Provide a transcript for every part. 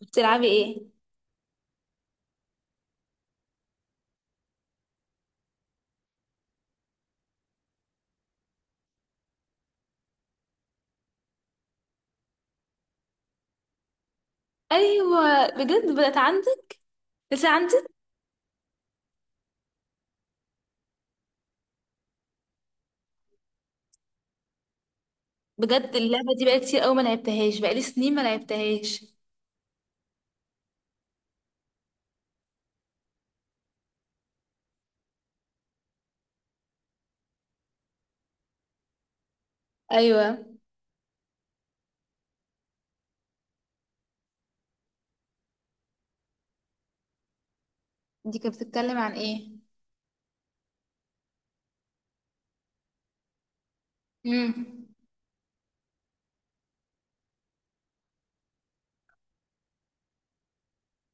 بتلعبي ايه؟ ايوه، بجد بقت عندك؟ لسه عندك؟ بجد اللعبه دي بقالي كتير قوي ما لعبتهاش، بقالي سنين ما لعبتهاش. ايوه، دي كانت بتتكلم عن ايه؟ امم.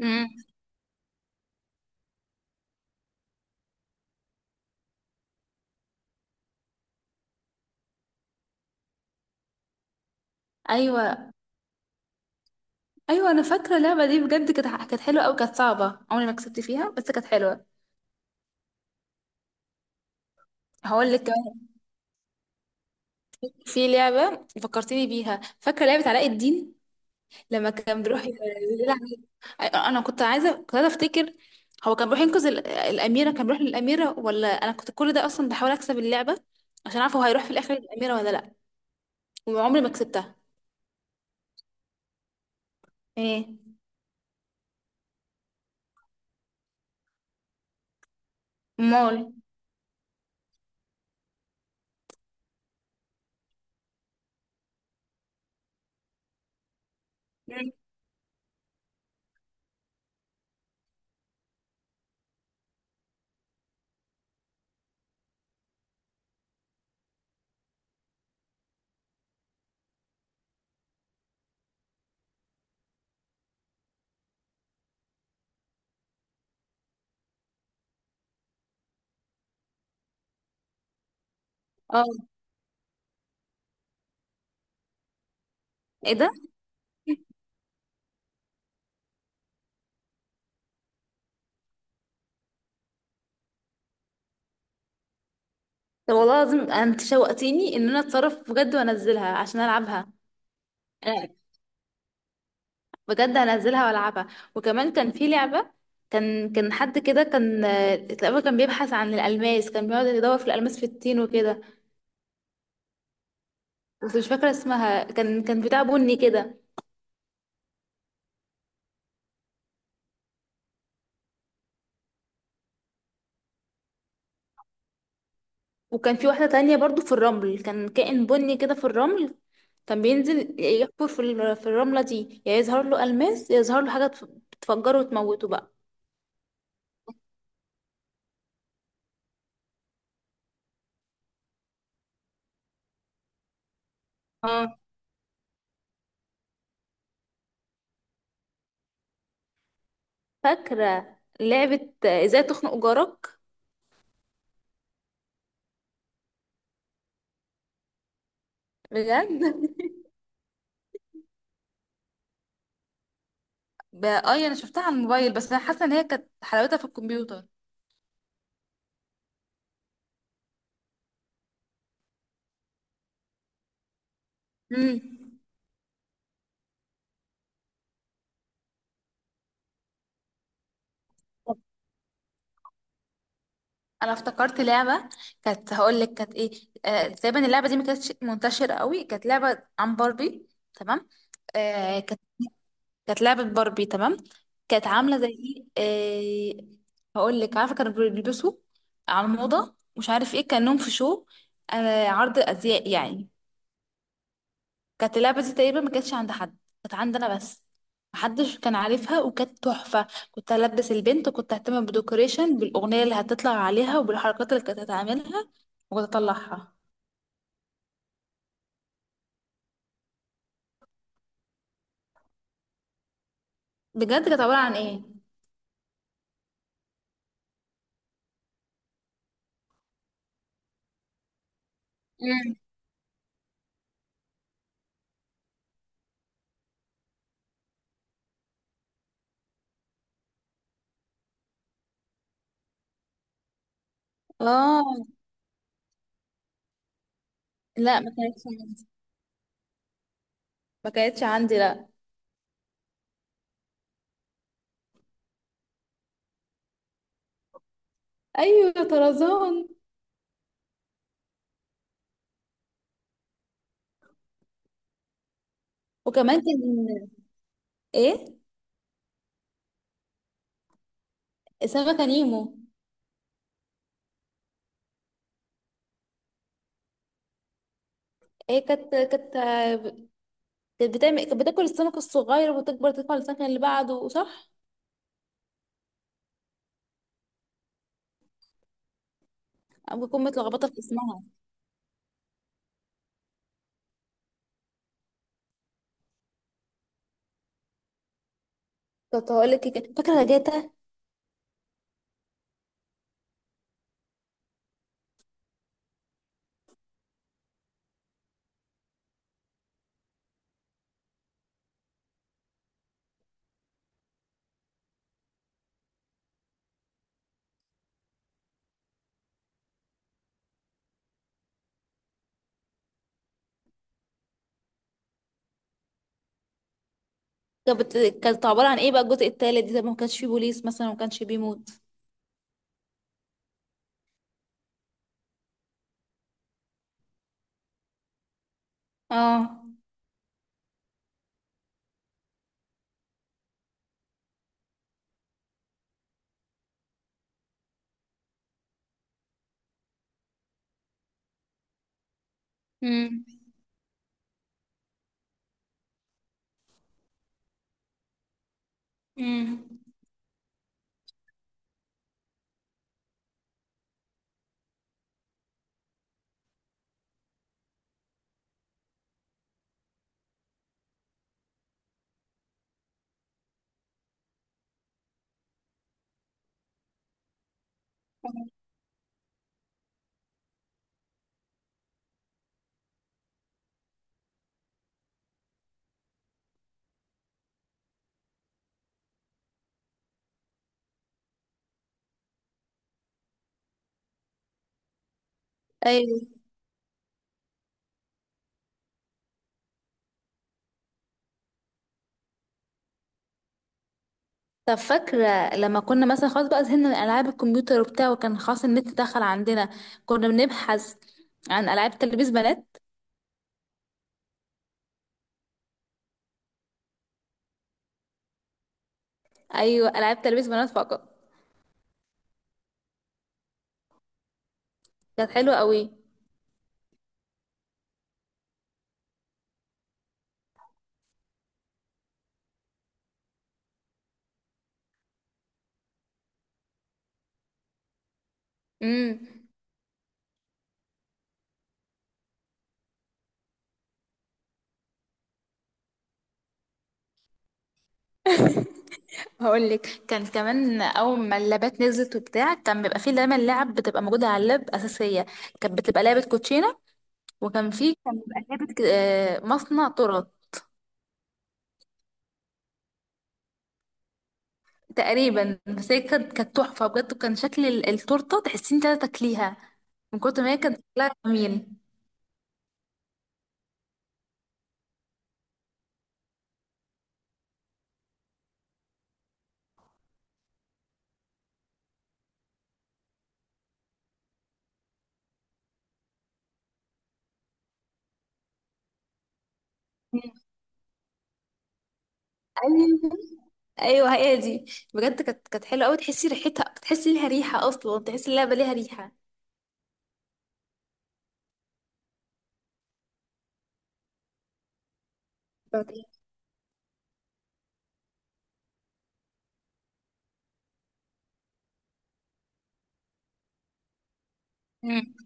امم. ايوه، ايوه، انا فاكره اللعبه دي، بجد كانت حلوه قوي، كانت صعبه، عمري ما كسبت فيها، بس كانت حلوه. هقول لك كمان، في لعبه فكرتيني بيها، فاكره لعبه علاء الدين لما كان بيروح يلعب. أيوة، انا كنت عايزه افتكر. هو كان بيروح ينقذ الاميره، كان بيروح للاميره، ولا انا كنت كل ده اصلا بحاول اكسب اللعبه عشان اعرف هو هيروح في الاخر للاميره ولا لا؟ وعمري ما كسبتها. ايه؟ امال؟ مم. اه. ايه ده؟ طب، والله العظيم انت شوقتيني ان انا اتصرف بجد وانزلها عشان العبها. انا بجد هنزلها والعبها. وكمان كان في لعبه، كان حد كده، كان تقريبا كان بيبحث عن الالماس، كان بيقعد يدور في الالماس، في التين وكده. بس مش فاكره اسمها، كان بتاع بني كده. وكان في واحدة تانية برضو في الرمل، كان كائن بني كده في الرمل. كان بينزل يحفر في الرملة دي، يا يظهر له ألماس يا يظهر له حاجة تفجره وتموته بقى. اه. فاكرة لعبة ازاي تخنق جارك؟ بجد. اه، انا شفتها على الموبايل، بس انا حاسه ان هي كانت حلاوتها في الكمبيوتر. امم. انا افتكرت لعبه، هقول لك كانت ايه. تقريبا اللعبه دي ما كانتش منتشره قوي، كانت لعبه عن باربي. تمام. آه، كانت لعبة باربي، تمام. كانت عاملة زي ايه، هقول لك، عارفة كانوا بيلبسوا على الموضة، مش عارف ايه، كأنهم في شو، عرض أزياء يعني. كانت اللعبة دي تقريبا ما كانتش عند حد، كانت عندنا بس، محدش كان عارفها، وكانت تحفة. كنت ألبس البنت، وكنت أهتم بالديكوريشن، بالأغنية اللي هتطلع عليها، وبالحركات اللي كانت هتعملها، وكنت أطلعها. بجد كانت عبارة عن ايه؟ مم. اه. لا، ما كانتش عندي، ما كانتش عندي، لا. ايوه، طرزان. وكمان كان ايه. سمكة نيمو. ايه، كانت بتاكل السمك الصغير وتكبر، تدخل السمكة اللي بعده، صح؟ أنا بكون متلخبطة في اسمها. كنت هقول لك فاكرة جاتا؟ كانت عبارة عن ايه بقى الجزء التالت ده؟ ما كانش فيه بوليس مثلا، وما كانش بيموت؟ اه. امم. امم. ايوه. طب، فاكرة لما كنا مثلا خلاص بقى زهقنا من ألعاب الكمبيوتر وبتاع، وكان خلاص النت دخل عندنا، كنا بنبحث عن ألعاب تلبيس بنات؟ ايوه، ألعاب تلبيس بنات فقط. كانت حلوة قوي. امم. هقول لك، كان كمان اول ما اللابات نزلت وبتاع، كان بيبقى فيه دايما لعب بتبقى موجودة على اللاب اساسية. كانت بتبقى لعبة كوتشينة. وكان فيه، كان بيبقى لعبة مصنع تورت. تقريبا، بس هي كانت تحفة بجد، وكان شكل التورتة تحسين انت تاكليها، من كتر ما هي كانت شكلها جميل. مم. ايوه. ايوه، هي دي. بجد كانت حلوه قوي، تحسي ريحتها، تحسي ليها ريحه، اصلا تحسي اللعبه ليها ريحه. مم.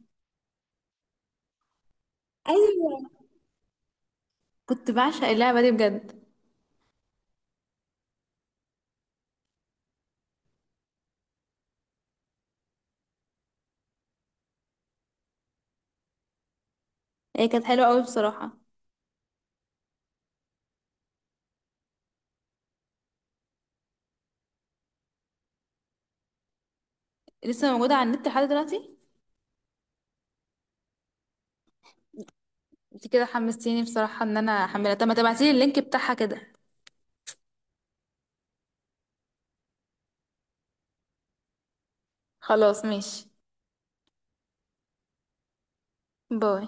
ايوه، كنت بعشق اللعبة دي بجد. هي كانت حلوة قوي بصراحة. لسه موجودة على النت لحد دلوقتي؟ انت كده حمستيني بصراحة ان انا احملها، طب ما تبعتيلي اللينك بتاعها كده. خلاص، ماشي. باي.